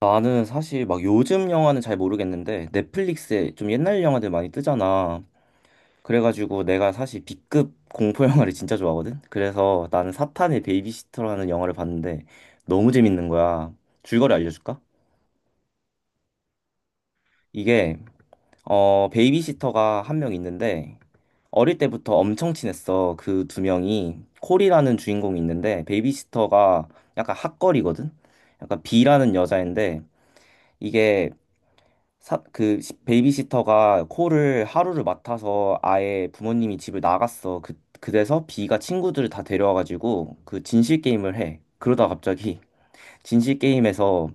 나는 사실 막 요즘 영화는 잘 모르겠는데 넷플릭스에 좀 옛날 영화들 많이 뜨잖아. 그래가지고 내가 사실 B급 공포 영화를 진짜 좋아하거든. 그래서 나는 사탄의 베이비시터라는 영화를 봤는데 너무 재밌는 거야. 줄거리 알려줄까? 이게 베이비시터가 한 명 있는데 어릴 때부터 엄청 친했어. 그 두 명이 콜이라는 주인공이 있는데 베이비시터가 약간 핫걸이거든. 약간 B라는 여자인데 이게 베이비시터가 코를 하루를 맡아서 아예 부모님이 집을 나갔어. 그래서 비가 친구들을 다 데려와가지고 그 진실 게임을 해. 그러다 갑자기 진실 게임에서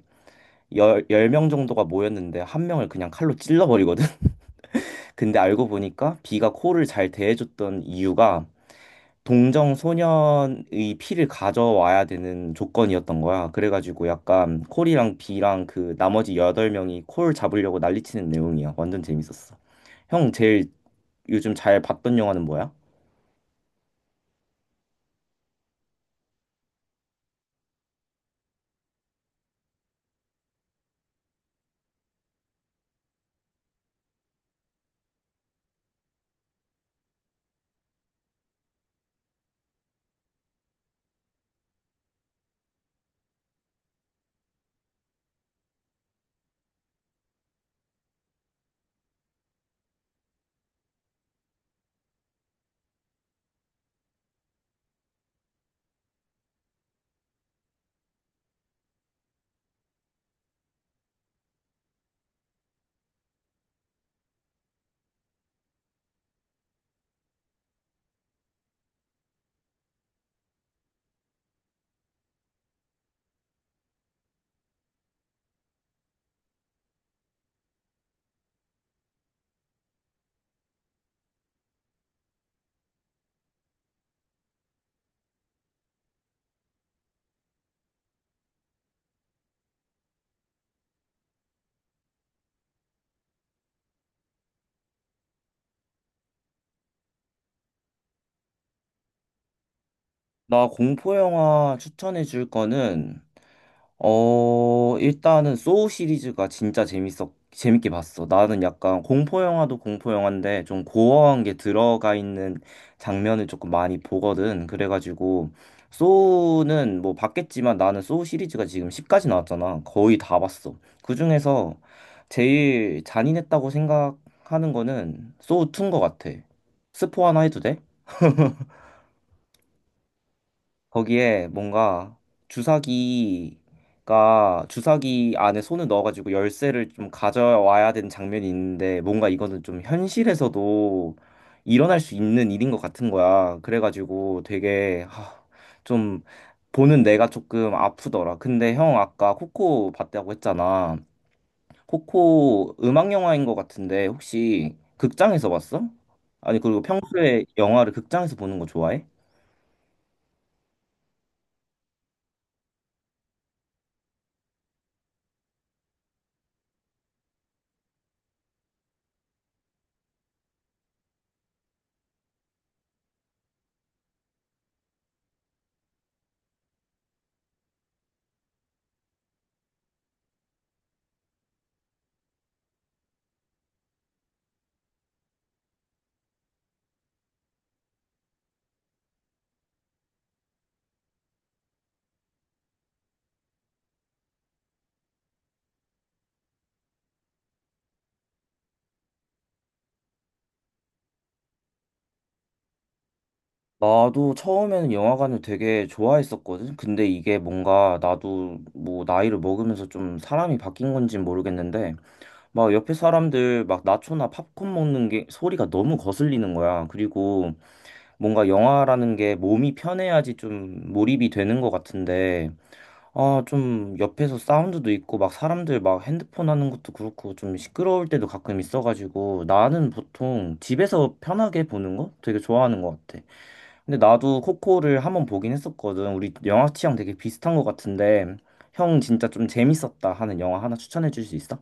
열 명 정도가 모였는데 한 명을 그냥 칼로 찔러버리거든. 근데 알고 보니까 비가 코를 잘 대해줬던 이유가 동정 소년의 피를 가져와야 되는 조건이었던 거야. 그래가지고 약간 콜이랑 비랑 그 나머지 여덟 명이 콜 잡으려고 난리치는 내용이야. 완전 재밌었어. 형 제일 요즘 잘 봤던 영화는 뭐야? 나 공포 영화 추천해 줄 거는 일단은 소우 시리즈가 진짜 재밌었 재밌게 봤어. 나는 약간 공포 영화도 공포 영화인데 좀 고어한 게 들어가 있는 장면을 조금 많이 보거든. 그래가지고 소우는 뭐 봤겠지만 나는 소우 시리즈가 지금 10까지 나왔잖아. 거의 다 봤어. 그중에서 제일 잔인했다고 생각하는 거는 소우 2인 것 같아. 스포 하나 해도 돼? 거기에 뭔가 주사기 안에 손을 넣어가지고 열쇠를 좀 가져와야 되는 장면이 있는데 뭔가 이거는 좀 현실에서도 일어날 수 있는 일인 것 같은 거야. 그래가지고 되게 좀 보는 내가 조금 아프더라. 근데 형 아까 코코 봤다고 했잖아. 코코 음악 영화인 것 같은데 혹시 극장에서 봤어? 아니 그리고 평소에 영화를 극장에서 보는 거 좋아해? 나도 처음에는 영화관을 되게 좋아했었거든. 근데 이게 뭔가 나도 뭐 나이를 먹으면서 좀 사람이 바뀐 건지 모르겠는데 막 옆에 사람들 막 나초나 팝콘 먹는 게 소리가 너무 거슬리는 거야. 그리고 뭔가 영화라는 게 몸이 편해야지 좀 몰입이 되는 것 같은데 아, 좀 옆에서 사운드도 있고 막 사람들 막 핸드폰 하는 것도 그렇고 좀 시끄러울 때도 가끔 있어가지고 나는 보통 집에서 편하게 보는 거 되게 좋아하는 것 같아. 근데 나도 코코를 한번 보긴 했었거든. 우리 영화 취향 되게 비슷한 것 같은데, 형 진짜 좀 재밌었다 하는 영화 하나 추천해 줄 수 있어?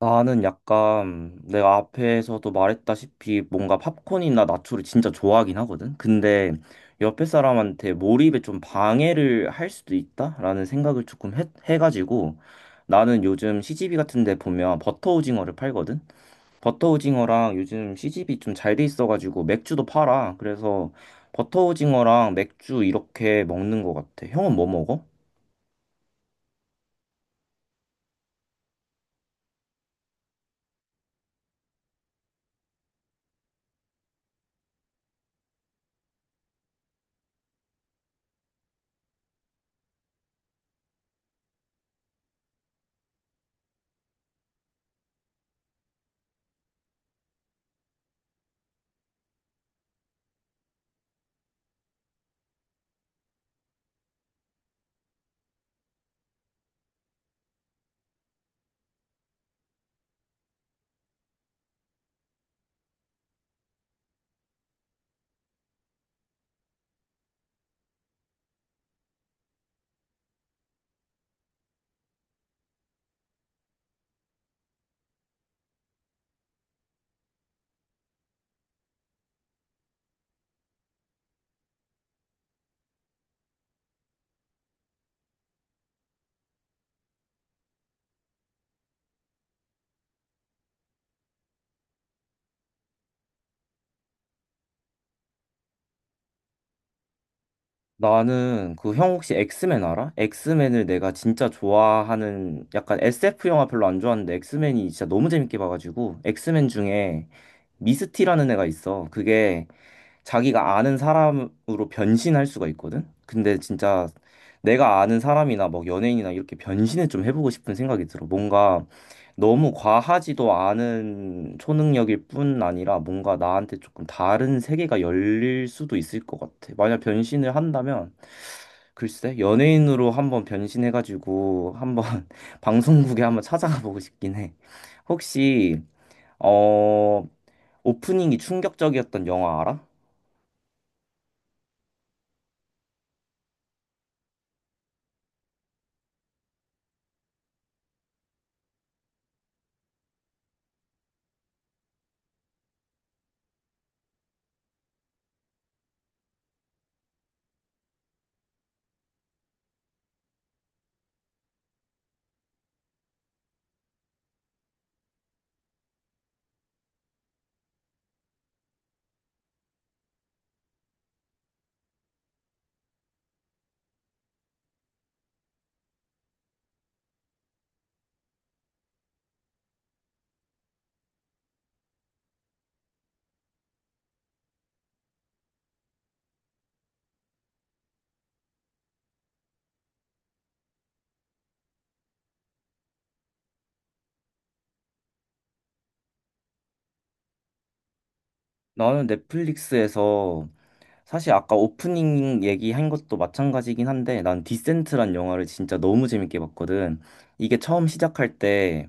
나는 약간 내가 앞에서도 말했다시피 뭔가 팝콘이나 나초를 진짜 좋아하긴 하거든. 근데 옆에 사람한테 몰입에 좀 방해를 할 수도 있다라는 생각을 조금 해가지고 나는 요즘 시집이 같은 데 보면 버터 오징어를 팔거든. 버터 오징어랑 요즘 시집이 좀 잘 돼 있어가지고 맥주도 팔아. 그래서 버터 오징어랑 맥주 이렇게 먹는 것 같아. 형은 뭐 먹어? 나는 그 형 혹시 엑스맨 알아? 엑스맨을 내가 진짜 좋아하는 약간 SF 영화 별로 안 좋아하는데 엑스맨이 진짜 너무 재밌게 봐가지고 엑스맨 중에 미스티라는 애가 있어. 그게 자기가 아는 사람으로 변신할 수가 있거든. 근데 진짜 내가 아는 사람이나 막 연예인이나 이렇게 변신을 좀 해보고 싶은 생각이 들어. 뭔가 너무 과하지도 않은 초능력일 뿐 아니라 뭔가 나한테 조금 다른 세계가 열릴 수도 있을 것 같아. 만약 변신을 한다면 글쎄 연예인으로 한번 변신해가지고 한번 방송국에 한번 찾아가 보고 싶긴 해. 혹시 어 오프닝이 충격적이었던 영화 알아? 나는 넷플릭스에서 사실 아까 오프닝 얘기한 것도 마찬가지긴 한데 난 디센트란 영화를 진짜 너무 재밌게 봤거든. 이게 처음 시작할 때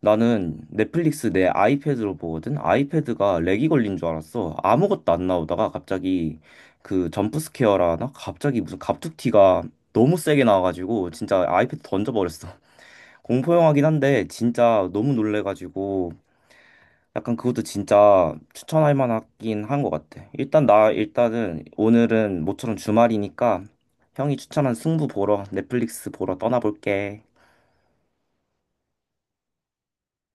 나는 넷플릭스 내 아이패드로 보거든. 아이패드가 렉이 걸린 줄 알았어. 아무것도 안 나오다가 갑자기 그 점프스케어라 하나? 갑자기 무슨 갑툭튀가 너무 세게 나와가지고 진짜 아이패드 던져버렸어. 공포영화긴 한데 진짜 너무 놀래가지고 약간 그것도 진짜 추천할 만하긴 한 것 같아. 일단 나 일단은 오늘은 모처럼 주말이니까 형이 추천한 승부 보러 넷플릭스 보러 떠나볼게.